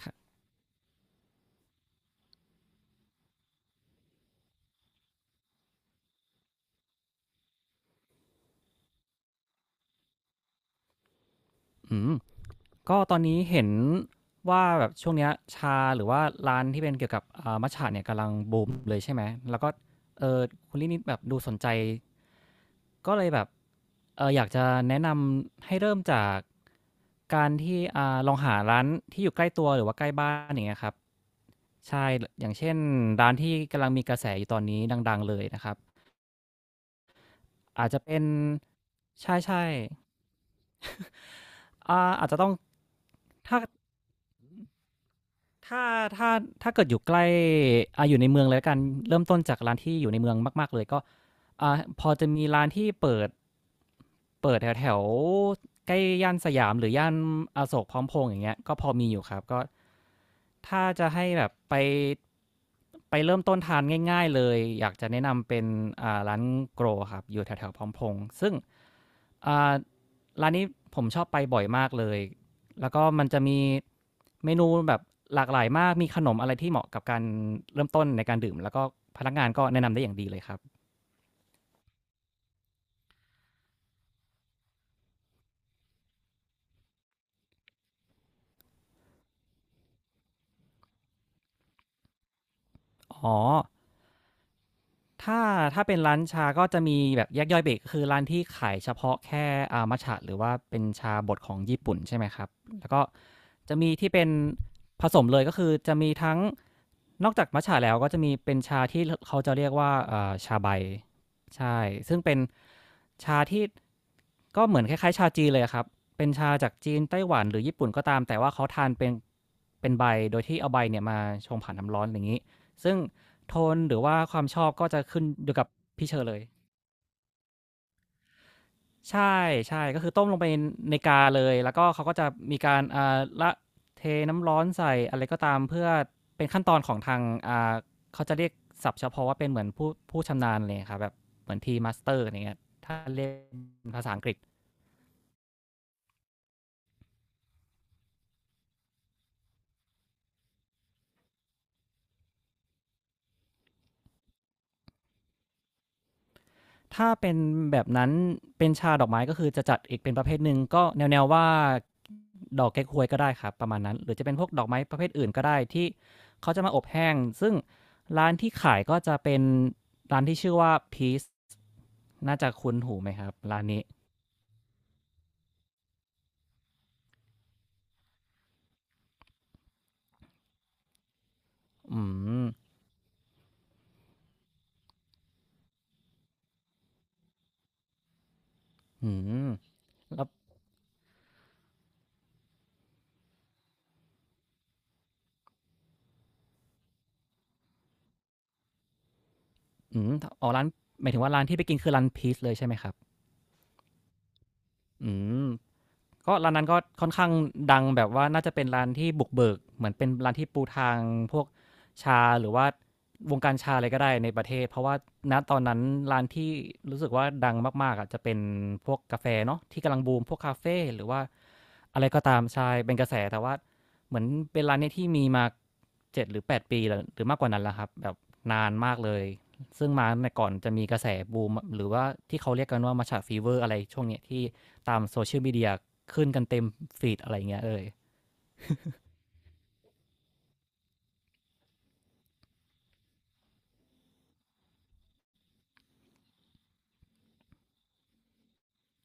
ค่ะอืมก็ตอนนี้เห็นว่าแบบช่วงเนี้ยชาหรือว่าร้านที่เป็นเกี่ยวกับอ่ามัตจะเนี่ยกำลังบูมเลยใช่ไหมแล้วก็เอ่อคุณลินิ่แบบดูสนใจก็เลยแบบอยากจะแนะนำให้เริ่มจากการที่ลองหาร้านที่อยู่ใกล้ตัวหรือว่าใกล้บ้านอย่างเงี้ยครับใช่ลอย่างเช่นร้านที่กำลังมีกระแสอยู่ตอนนี้ดังๆเลยนะครับอาจจะเป็นใช่ๆอาจจะต้องถ้า ถ้าถ้าถ้าเกิดอยู่ใกล้อยู่ในเมืองเลยละกันเริ่มต้นจากร้านที่อยู่ในเมืองมากๆเลยก็พอจะมีร้านที่เปิดแถวแถวใกล้ย่านสยามหรือย่านอโศกพร้อมพงษ์อย่างเงี้ยก็พอมีอยู่ครับก็ถ้าจะให้แบบไปเริ่มต้นทานง่ายๆเลยอยากจะแนะนำเป็นร้านโกรครับอยู่แถวๆพร้อมพงษ์ซึ่งอ่าร้านนี้ผมชอบไปบ่อยมากเลย แล้วก็มันจะมีเมนูแบบหลากหลายมากมีขนมอะไรที่เหมาะกับการเริ่มต้นในการดื่มแล้วก็พนักงานก็แนะนำได้อย่างดีเลยครับอ๋อถ้าถ้าเป็นร้านชาก็จะมีแบบแยกย่อยเบรกคือร้านที่ขายเฉพาะแค่อามัชฉะหรือว่าเป็นชาบดของญี่ปุ่นใช่ไหมครับแล้วก็จะมีที่เป็นผสมเลยก็คือจะมีทั้ง นอกจากมัตจะแล้วก็จะมีเป็นชาที่เขาจะเรียกว่าชาใบใช่ซึ่งเป็นชาที่ก็เหมือนคล้ายๆชาจีนเลยครับเป็นชาจากจีนไต้หวันหรือญี่ปุ่นก็ตามแต่ว่าเขาทานเป็นใบโดยที่เอาใบเนี่ยมาชงผ่านน้ำร้อนอย่างนี้ซึ่งโทนหรือว่าความชอบก็จะขึ้นอยู่กับพี่เชอเลย ใช่ ใช่ ก็คือต้มลงไปในกาเลย แล้วก็เขาก็จะมีการอ่าละเทน้ำร้อนใส่อะไรก็ตามเพื่อเป็นขั้นตอนของทางอ่าเขาจะเรียกศัพท์เฉพาะว่าเป็นเหมือนผู้ชำนาญเลยครับแบบเหมือนทีมาสเตอร์อย่างเงี้ยถ้าเรียกเป็นภาษาอังกฤษ ถ้าเป็นแบบนั้นเป็นชาดอกไม้ก็คือจะจัดอีกเป็นประเภทหนึ่งก็แนวๆว่าดอกเก๊กฮวยก็ได้ครับประมาณนั้นหรือจะเป็นพวกดอกไม้ประเภทอื่นก็ได้ที่เขาจะมาอบแห้งซึ่งร้านที่ขายก็จะเป็นร้านที่ชื่อว่า Peace น่าจะคุ้นหูไหมครับร้านนี้อืมอืมแล้วอืมอ๋อร้านหมายถึงว่าร้านที่ไปกินคือร้าน Peace เลยใช่ไหมครับอืม ก็ร้านนั้นก็ค่อนข้างดังแบบว่าน่าจะเป็นร้านที่บุกเบิกเหมือนเป็นร้านที่ปูทางพวกชาหรือว่าวงการชาอะไรก็ได้ในประเทศเพราะว่าณตอนนั้นร้านที่รู้สึกว่าดังมากๆอ่ะจะเป็นพวกกาแฟเนาะที่กำลังบูมพวกคาเฟ่หรือว่าอะไรก็ตามใช่เป็นกระแสแต่ว่าเหมือนเป็นร้านเนี้ยที่มีมา7 หรือ 8 ปีหรือมากกว่านั้นแล้วครับแบบนานมากเลย ซึ่งมาในก่อนจะมีกระแสบูมหรือว่าที่เขาเรียกกันว่า Matcha Fever อร์อะไรช่วงเนี้ยที่ตามโซเชียลมีเดียขึ้นกันเต็มฟีดอะไรเงี้ยเลย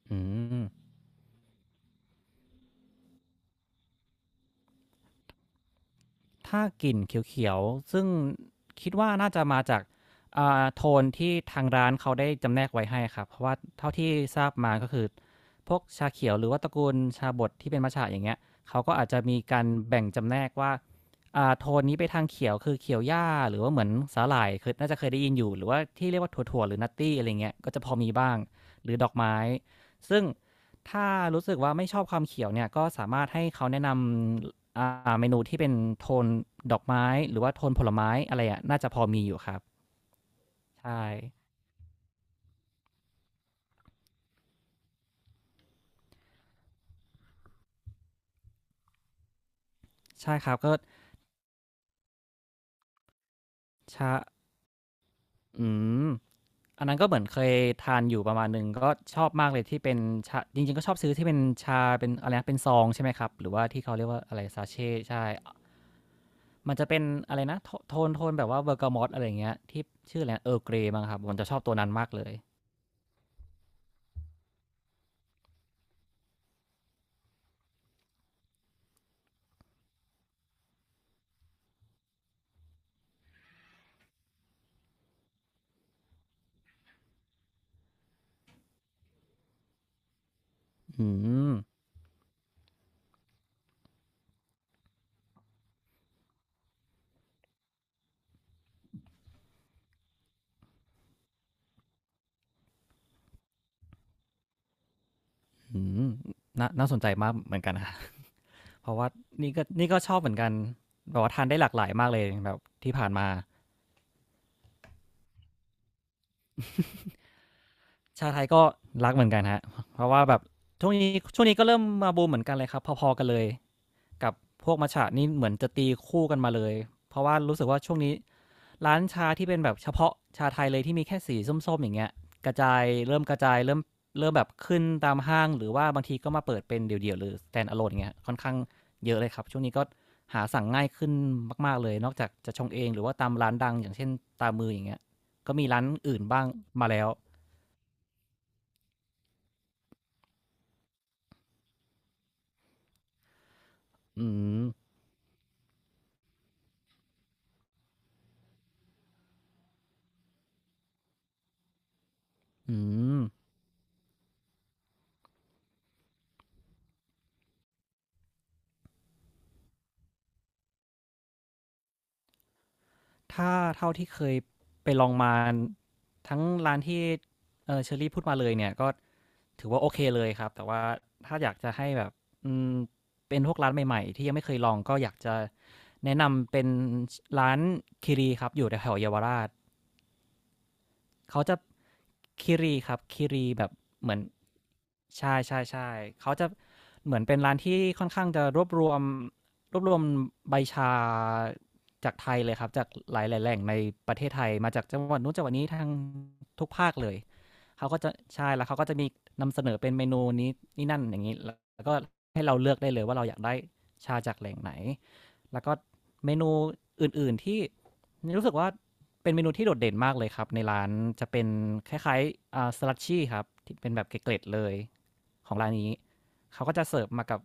อืม ถ้ากลิ่นเขียวๆ ซึ่งคิดว่าน่าจะมาจากโทนที่ทางร้านเขาได้จำแนกไว้ให้ครับ เพราะว่าเท่าที่ทราบมาก็คือพวกชาเขียวหรือว่าตระกูลชาบดที่เป็นมัชฉะอย่างเงี้ยเขาก็อาจจะมีการแบ่งจำแนกว่าโทนนี้ไปทางเขียวคือเขียวหญ้าหรือว่าเหมือนสาหร่ายคือน่าจะเคยได้ยินอยู่หรือว่าที่เรียกว่าถั่วๆหรือนัตตี้อะไรเงี้ยก็จะพอมีบ้างหรือดอกไม้ซึ่ง ถ้ารู้สึกว่าไม่ชอบความเขียวเนี่ยก็สามารถให้เขาแนะนำเมนูที่เป็นโทนดอกไม้หรือว่าโทนผลไม้อะไรอะน่าจะพอมีอยู่ครับใช่ใช่ครับก็ชาอืมอันนั้นก็เหมือนเคยทานอยู่ประมาณหนึ่งก็ชอบมากเลยที่เป็นชาจริงๆก็ชอบซื้อที่เป็นชาเป็นอะไรนะเป็นซองใช่ไหมครับหรือว่าที่เขาเรียกว่าอะไรซาเชตใช่มันจะเป็นอะไรนะโทนแบบว่าเบอร์กามออะไรอย่างเงี้ยที่ชื่ออะไรเออเกรมั้งครับผมจะชอบตัวนั้นมากเลยอืม อืมน่าน่าสนใจมากเหมือนกันคะ เพราะว่านี่ก็ชอบเหมือนกันแบบว่าทานได้หลากหลายมากเลยแบบที่ผ่านมาชาไทยก็รักเหมือนกันฮะเพราะว่าแบบช่วงนี้ช่วงนี้ก็เริ่มมาบูมเหมือนกันเลยครับพอๆกันเลยกับพวกมัตาะนี่เหมือนจะตีคู่กันมาเลยเพราะว่ารู้สึกว่าช่วงนี้ ร้านชาที่เป็นแบบเฉพาะชาไทยเลยที่มีแค่สีส้มๆอย่างเงี้ยกระจายเริ่มกระจายเริ่มเริ่มแบบขึ้นตามห้างหรือว่าบางทีก็มาเปิดเป็นเดี่ยวๆหรือ stand alone อย่างเงี้ยค่อนข้างเยอะเลยครับช่วงนี้ก็หาสั่งง่ายขึ้นมากๆเลยนอกจากจะชงเองหรือว่าตามร้านดังอย่างเช่นตามมืออย่างเงี้ยก็มีร้านอื่นบ้างมาแล้วอืมอืมถ้าเท่าที่เคยไปลองมาทั้งร้านที่เออเชอรี่พูดมาเลยเนี่ยก็ ถือว่าโอเคเลยครับแต่ว่าถ้าอยากจะให้แบบอืมเป็นพวกร้านใหม่ๆที่ยังไม่เคยลองก็อยากจะแนะนำเป็นร้านคิรีครับอยู่แถวๆเยาวราช เขาจะคิรีครับคิรีแบบเหมือนใช่ใช่ใช่เขาจะเหมือนเป็นร้านที่ค่อนข้างจะรวบรวมใบชาจากไทยเลยครับจากหลายๆแหล่งในประเทศไทยมาจากจังหวัดนู้นจังหวัดนี้ทางทุกภาคเลยเขาก็จะใช่แล้วเขาก็จะมีนำเสนอเป็นเมนูนี้นี่นั่นอย่างนี้แล้วก็ให้เราเลือกได้เลยว่าเราอยากได้ชาจากแหล่งไหนแล้วก็เมนูอื่นๆที่ รู้สึกว่าเป็นเมนูที่โดดเด่นมากเลยครับในร้านจะเป็นคล้ายๆสลัดชี่ครับที่เป็นแบบเกล็ดๆเลยของร้านนี้เขาก็จะเสิร์ฟมากับ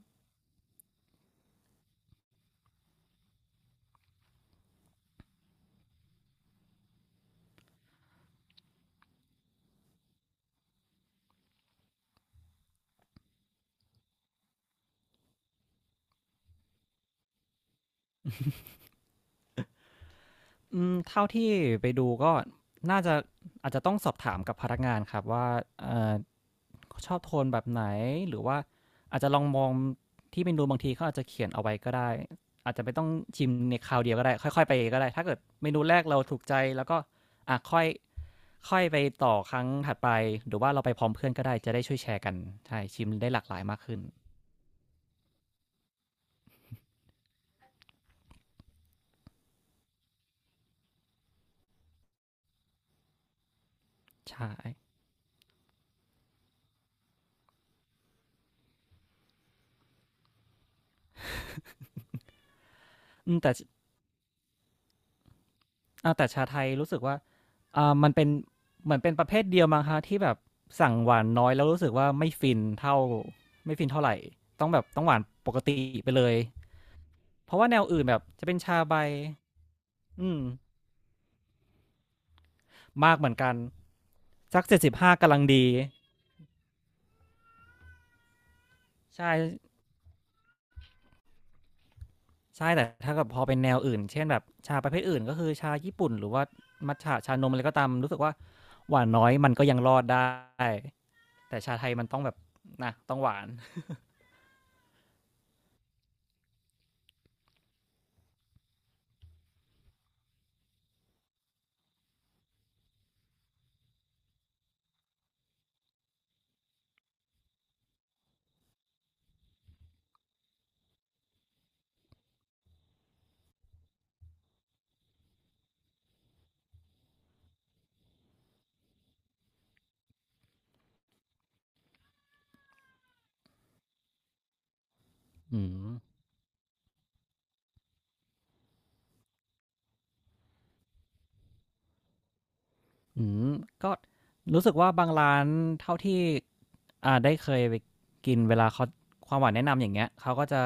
อืมเท่าที่ไปดูก็น่าจะอาจจะต้องสอบถามกับพนักงานครับว่าเอ่อชอบโทนแบบไหนหรือว่าอาจจะลองมองที่เมนูบางทีเขาอาจจะเขียนเอาไว้ก็ได้อาจจะไม่ต้องชิมในคราวเดียวก็ได้ค่อยๆไปก็ได้ถ้าเกิดเมนูแรกเราถูกใจแล้วก็อะค่อยค่อยไปต่อครั้งถัดไปหรือว่าเราไปพร้อมเพื่อนก็ได้จะได้ช่วยแชร์กันใช่ชิมได้หลากหลายมากขึ้นใช่อืมแต่ช แต่ชาไทยรู้สึกว่ามันเป็นเหมือนเป็นประเภทเดียวมั้งคะที่แบบสั่งหวานน้อยแล้วรู้สึกว่าไม่ฟินเท่าไม่ฟินเท่าไหรต้องหวานปกติไปเลยเพราะว่าแนวอื่นแบบจะเป็นชาใบอืมมากเหมือนกันสัก75กำลังดีใช่ใช่แต่ถ้ากับพอเป็นแนวอื่นเช่นแบบชาประเภทอื่นก็คือชาญี่ปุ่นหรือว่ามัทฉะชานมอะไรก็ตามรู้สึกว่าหวานน้อยมันก็ยังรอดได้แต่ชาไทยมันต้องแบบนะต้องหวาน อืมก็รู้สึกว่าบางร้านเท่าที่ได้เคยไปกินเวลาเขาความหวานแนะนำอย่างเงี้ยเขาก็จะ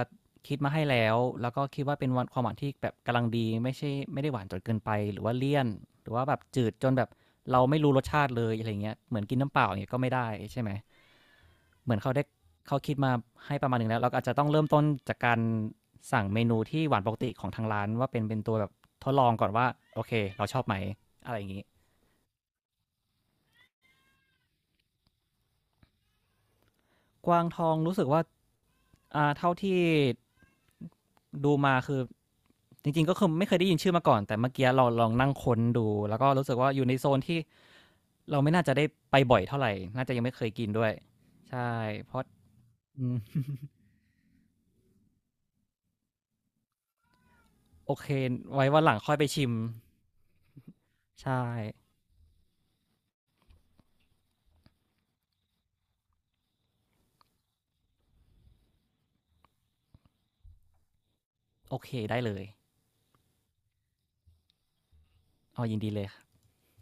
คิดมาให้แล้วแล้วก็คิดว่าเป็นวันความหวานที่แบบกำลังดีไม่ได้หวานจนเกินไปหรือว่าเลี่ยนหรือว่าแบบจืดจนแบบเราไม่รู้รสชาติเลยอะไรเงี้ยเหมือนกินน้ำเปล่าอย่างเงี้ยก็ไม่ได้ใช่ไหมเหมือนเขาได้เขาคิดมาให้ประมาณหนึ่งแล้วเราก็อาจจะต้องเริ่มต้นจากการสั่งเมนูที่หวานปกติของทางร้านว่าเป็นตัวแบบทดลองก่อนว่าโอเคเราชอบไหมอะไรอย่างงี้ กวางทองรู้สึกว่าอ่า เท่าที่ดูมาคือจริงๆก็คือไม่เคยได้ยินชื่อมาก่อนแต่เมื่อกี้เราลองนั่งค้นดูแล้วก็รู้สึกว่าอยู่ในโซนที่เราไม่น่าจะได้ไปบ่อยเท่าไหร่น่าจะยังไม่เคยกินด้วยใช่เพราะอืมโอเคไว้วันหลังค่อยไปชิมใช่โอเคได้เลยเอายินดีเลยค่ะ